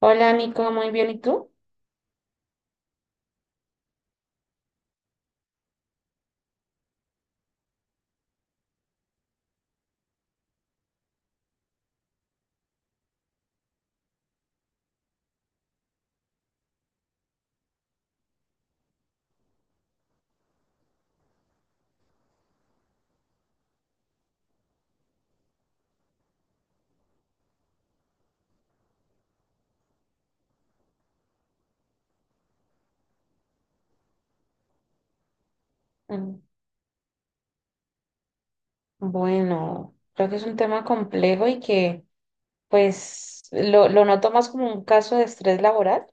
Hola Nico, muy bien, ¿y tú? Mm. Bueno, creo que es un tema complejo y que pues lo noto más como un caso de estrés laboral.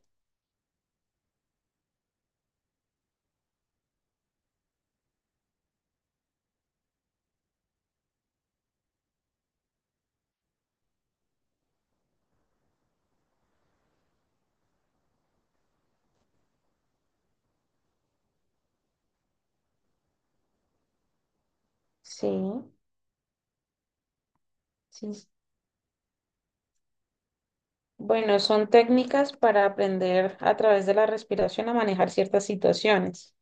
Sí, sí. Bueno, son técnicas para aprender a través de la respiración a manejar ciertas situaciones.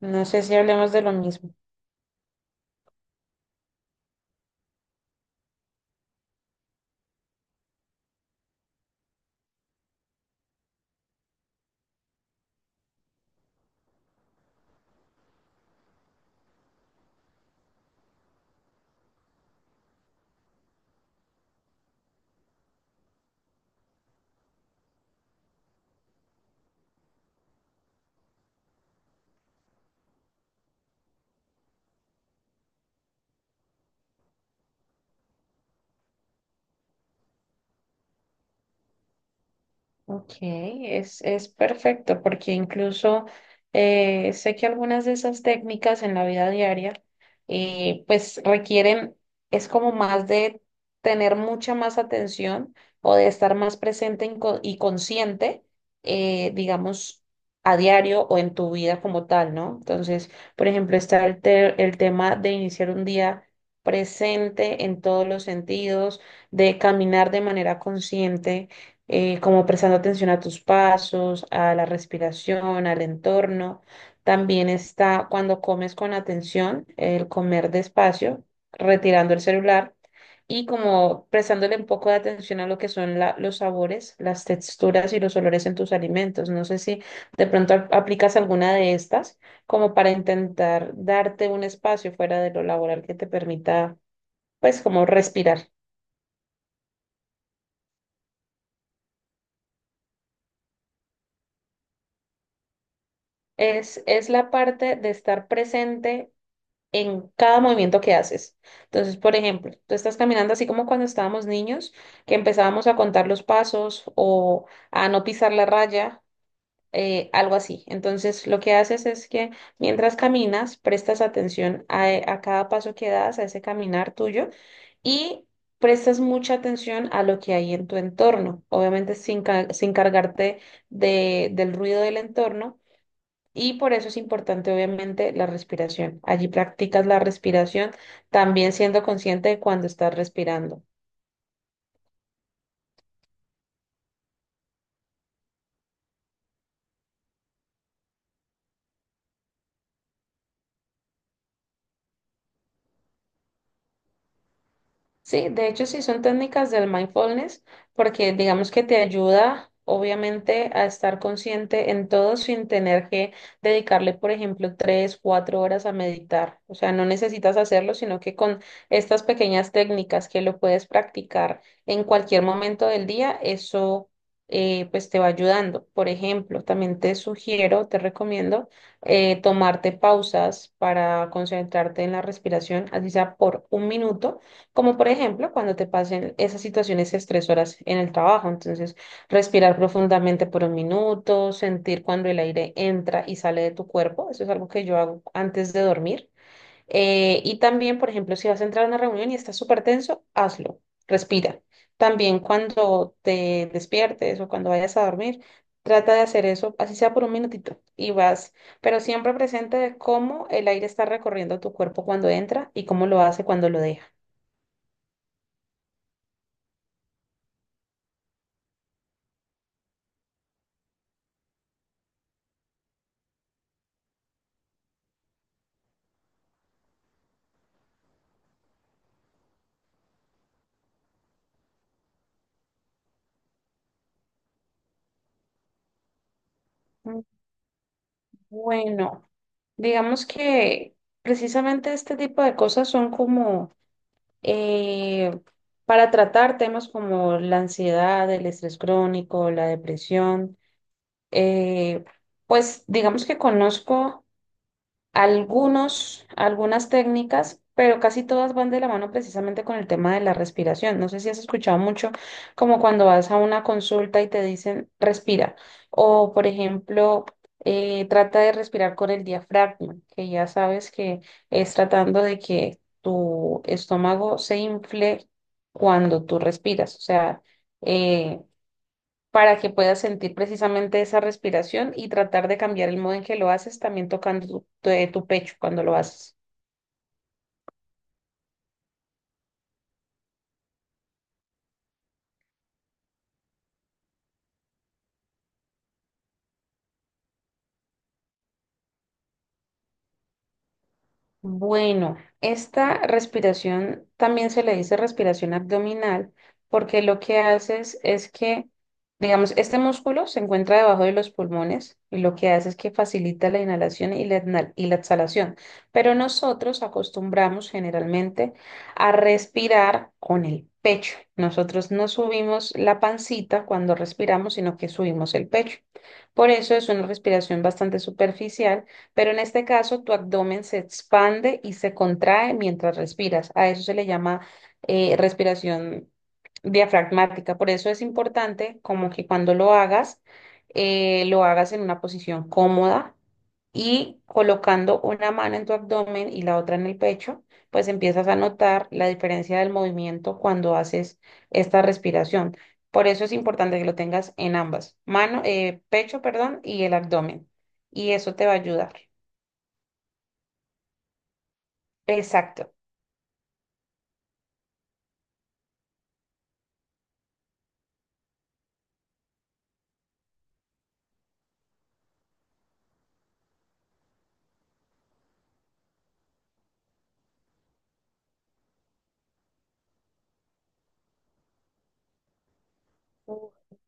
No sé si hablemos de lo mismo. Ok, es perfecto porque incluso sé que algunas de esas técnicas en la vida diaria pues requieren, es como más de tener mucha más atención o de estar más presente en y consciente, digamos, a diario o en tu vida como tal, ¿no? Entonces, por ejemplo, está el tema de iniciar un día presente en todos los sentidos, de caminar de manera consciente, como prestando atención a tus pasos, a la respiración, al entorno. También está cuando comes con atención, el comer despacio, retirando el celular y como prestándole un poco de atención a lo que son los sabores, las texturas y los olores en tus alimentos. No sé si de pronto aplicas alguna de estas como para intentar darte un espacio fuera de lo laboral que te permita, pues, como respirar. Es la parte de estar presente en cada movimiento que haces. Entonces, por ejemplo, tú estás caminando así como cuando estábamos niños, que empezábamos a contar los pasos o a no pisar la raya, algo así. Entonces, lo que haces es que mientras caminas, prestas atención a, a cada paso que das, a ese caminar tuyo, y prestas mucha atención a lo que hay en tu entorno, obviamente sin cargarte del ruido del entorno y por eso es importante, obviamente, la respiración. Allí practicas la respiración, también siendo consciente de cuando estás respirando. Sí, de hecho sí son técnicas del mindfulness porque digamos que te ayuda obviamente a estar consciente en todo sin tener que dedicarle, por ejemplo, tres, cuatro horas a meditar. O sea, no necesitas hacerlo, sino que con estas pequeñas técnicas que lo puedes practicar en cualquier momento del día, eso pues te va ayudando. Por ejemplo, también te sugiero, te recomiendo tomarte pausas para concentrarte en la respiración, así sea por un minuto como por ejemplo, cuando te pasen esas situaciones estresoras en el trabajo. Entonces, respirar profundamente por un minuto, sentir cuando el aire entra y sale de tu cuerpo. Eso es algo que yo hago antes de dormir. Y también, por ejemplo, si vas a entrar a una reunión y estás súper tenso, hazlo. Respira. También cuando te despiertes o cuando vayas a dormir, trata de hacer eso, así sea por un minutito, y vas, pero siempre presente de cómo el aire está recorriendo tu cuerpo cuando entra y cómo lo hace cuando lo deja. Bueno, digamos que precisamente este tipo de cosas son como eh, para tratar temas como la ansiedad, el estrés crónico, la depresión. eh, pues digamos que conozco algunas técnicas, pero casi todas van de la mano precisamente con el tema de la respiración. No sé si has escuchado mucho como cuando vas a una consulta y te dicen respira o, por ejemplo, trata de respirar con el diafragma, que ya sabes que es tratando de que tu estómago se infle cuando tú respiras, o sea, eh, para que puedas sentir precisamente esa respiración y tratar de cambiar el modo en que lo haces, también tocando tu pecho cuando lo haces. Bueno, esta respiración también se le dice respiración abdominal porque lo que haces es que, digamos, este músculo se encuentra debajo de los pulmones y lo que hace es que facilita la inhalación y la exhalación. Pero nosotros acostumbramos generalmente a respirar con el pecho. Nosotros no subimos la pancita cuando respiramos, sino que subimos el pecho. Por eso es una respiración bastante superficial, pero en este caso, tu abdomen se expande y se contrae mientras respiras. A eso se le llama respiración diafragmática. Por eso es importante como que cuando lo hagas en una posición cómoda y colocando una mano en tu abdomen y la otra en el pecho, pues empiezas a notar la diferencia del movimiento cuando haces esta respiración. Por eso es importante que lo tengas en ambas, mano, pecho, perdón, y el abdomen. Y eso te va a ayudar. Exacto.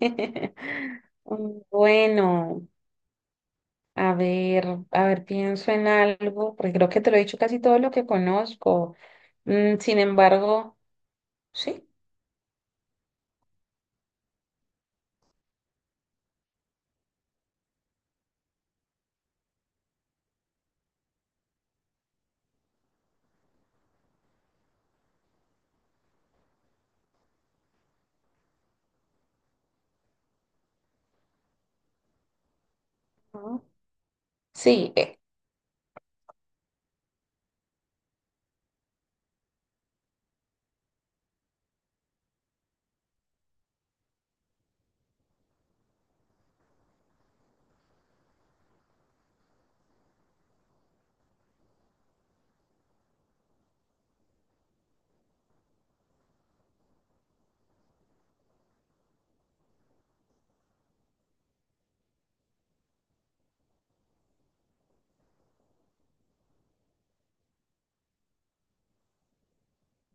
Bueno, a ver, a ver, pienso en algo, porque creo que te lo he dicho casi todo lo que conozco. Mm, sin embargo, sí. Ujú. Sí.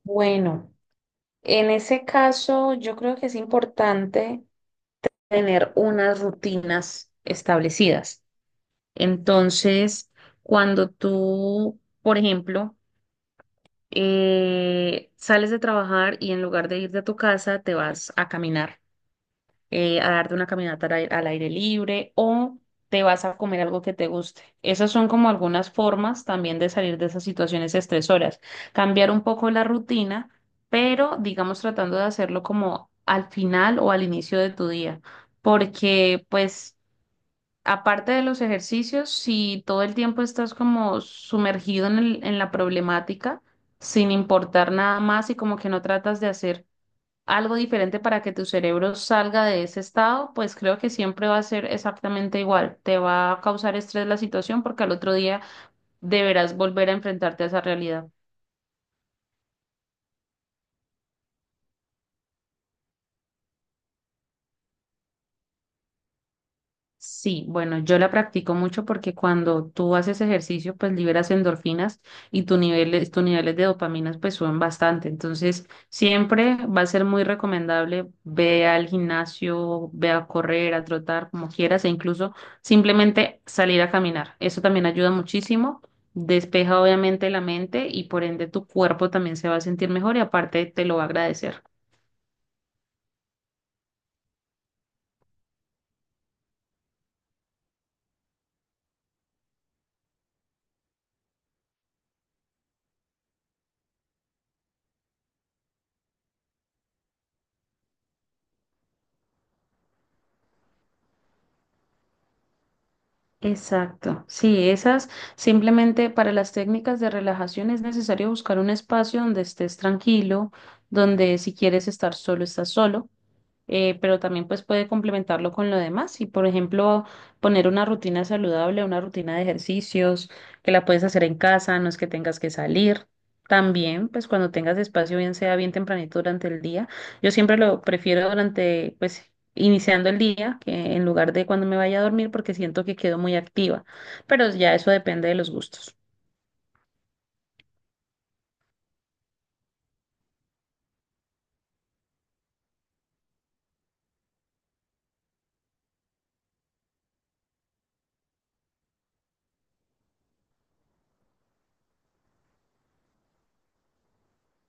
Bueno, en ese caso yo creo que es importante tener unas rutinas establecidas. Entonces, cuando tú, por ejemplo, sales de trabajar y en lugar de irte a tu casa, te vas a caminar, a darte una caminata al aire libre o te vas a comer algo que te guste. Esas son como algunas formas también de salir de esas situaciones estresoras, cambiar un poco la rutina, pero digamos tratando de hacerlo como al final o al inicio de tu día, porque pues aparte de los ejercicios, si todo el tiempo estás como sumergido en en la problemática, sin importar nada más y como que no tratas de hacer algo diferente para que tu cerebro salga de ese estado, pues creo que siempre va a ser exactamente igual. Te va a causar estrés la situación porque al otro día deberás volver a enfrentarte a esa realidad. Sí, bueno, yo la practico mucho porque cuando tú haces ejercicio, pues liberas endorfinas y tus niveles de dopaminas pues suben bastante. Entonces, siempre va a ser muy recomendable, ve al gimnasio, ve a correr, a trotar, como quieras, e incluso simplemente salir a caminar. Eso también ayuda muchísimo, despeja obviamente la mente y por ende tu cuerpo también se va a sentir mejor y aparte te lo va a agradecer. Exacto, sí, esas simplemente para las técnicas de relajación es necesario buscar un espacio donde estés tranquilo, donde si quieres estar solo, estás solo, pero también pues puede complementarlo con lo demás. Y por ejemplo, poner una rutina saludable, una rutina de ejercicios que la puedes hacer en casa, no es que tengas que salir. También, pues cuando tengas espacio, bien sea bien tempranito durante el día. Yo siempre lo prefiero durante, pues, iniciando el día, que en lugar de cuando me vaya a dormir, porque siento que quedo muy activa. Pero ya eso depende de los gustos.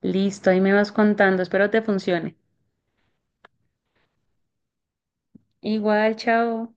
Listo, ahí me vas contando. Espero te funcione. Igual, chao.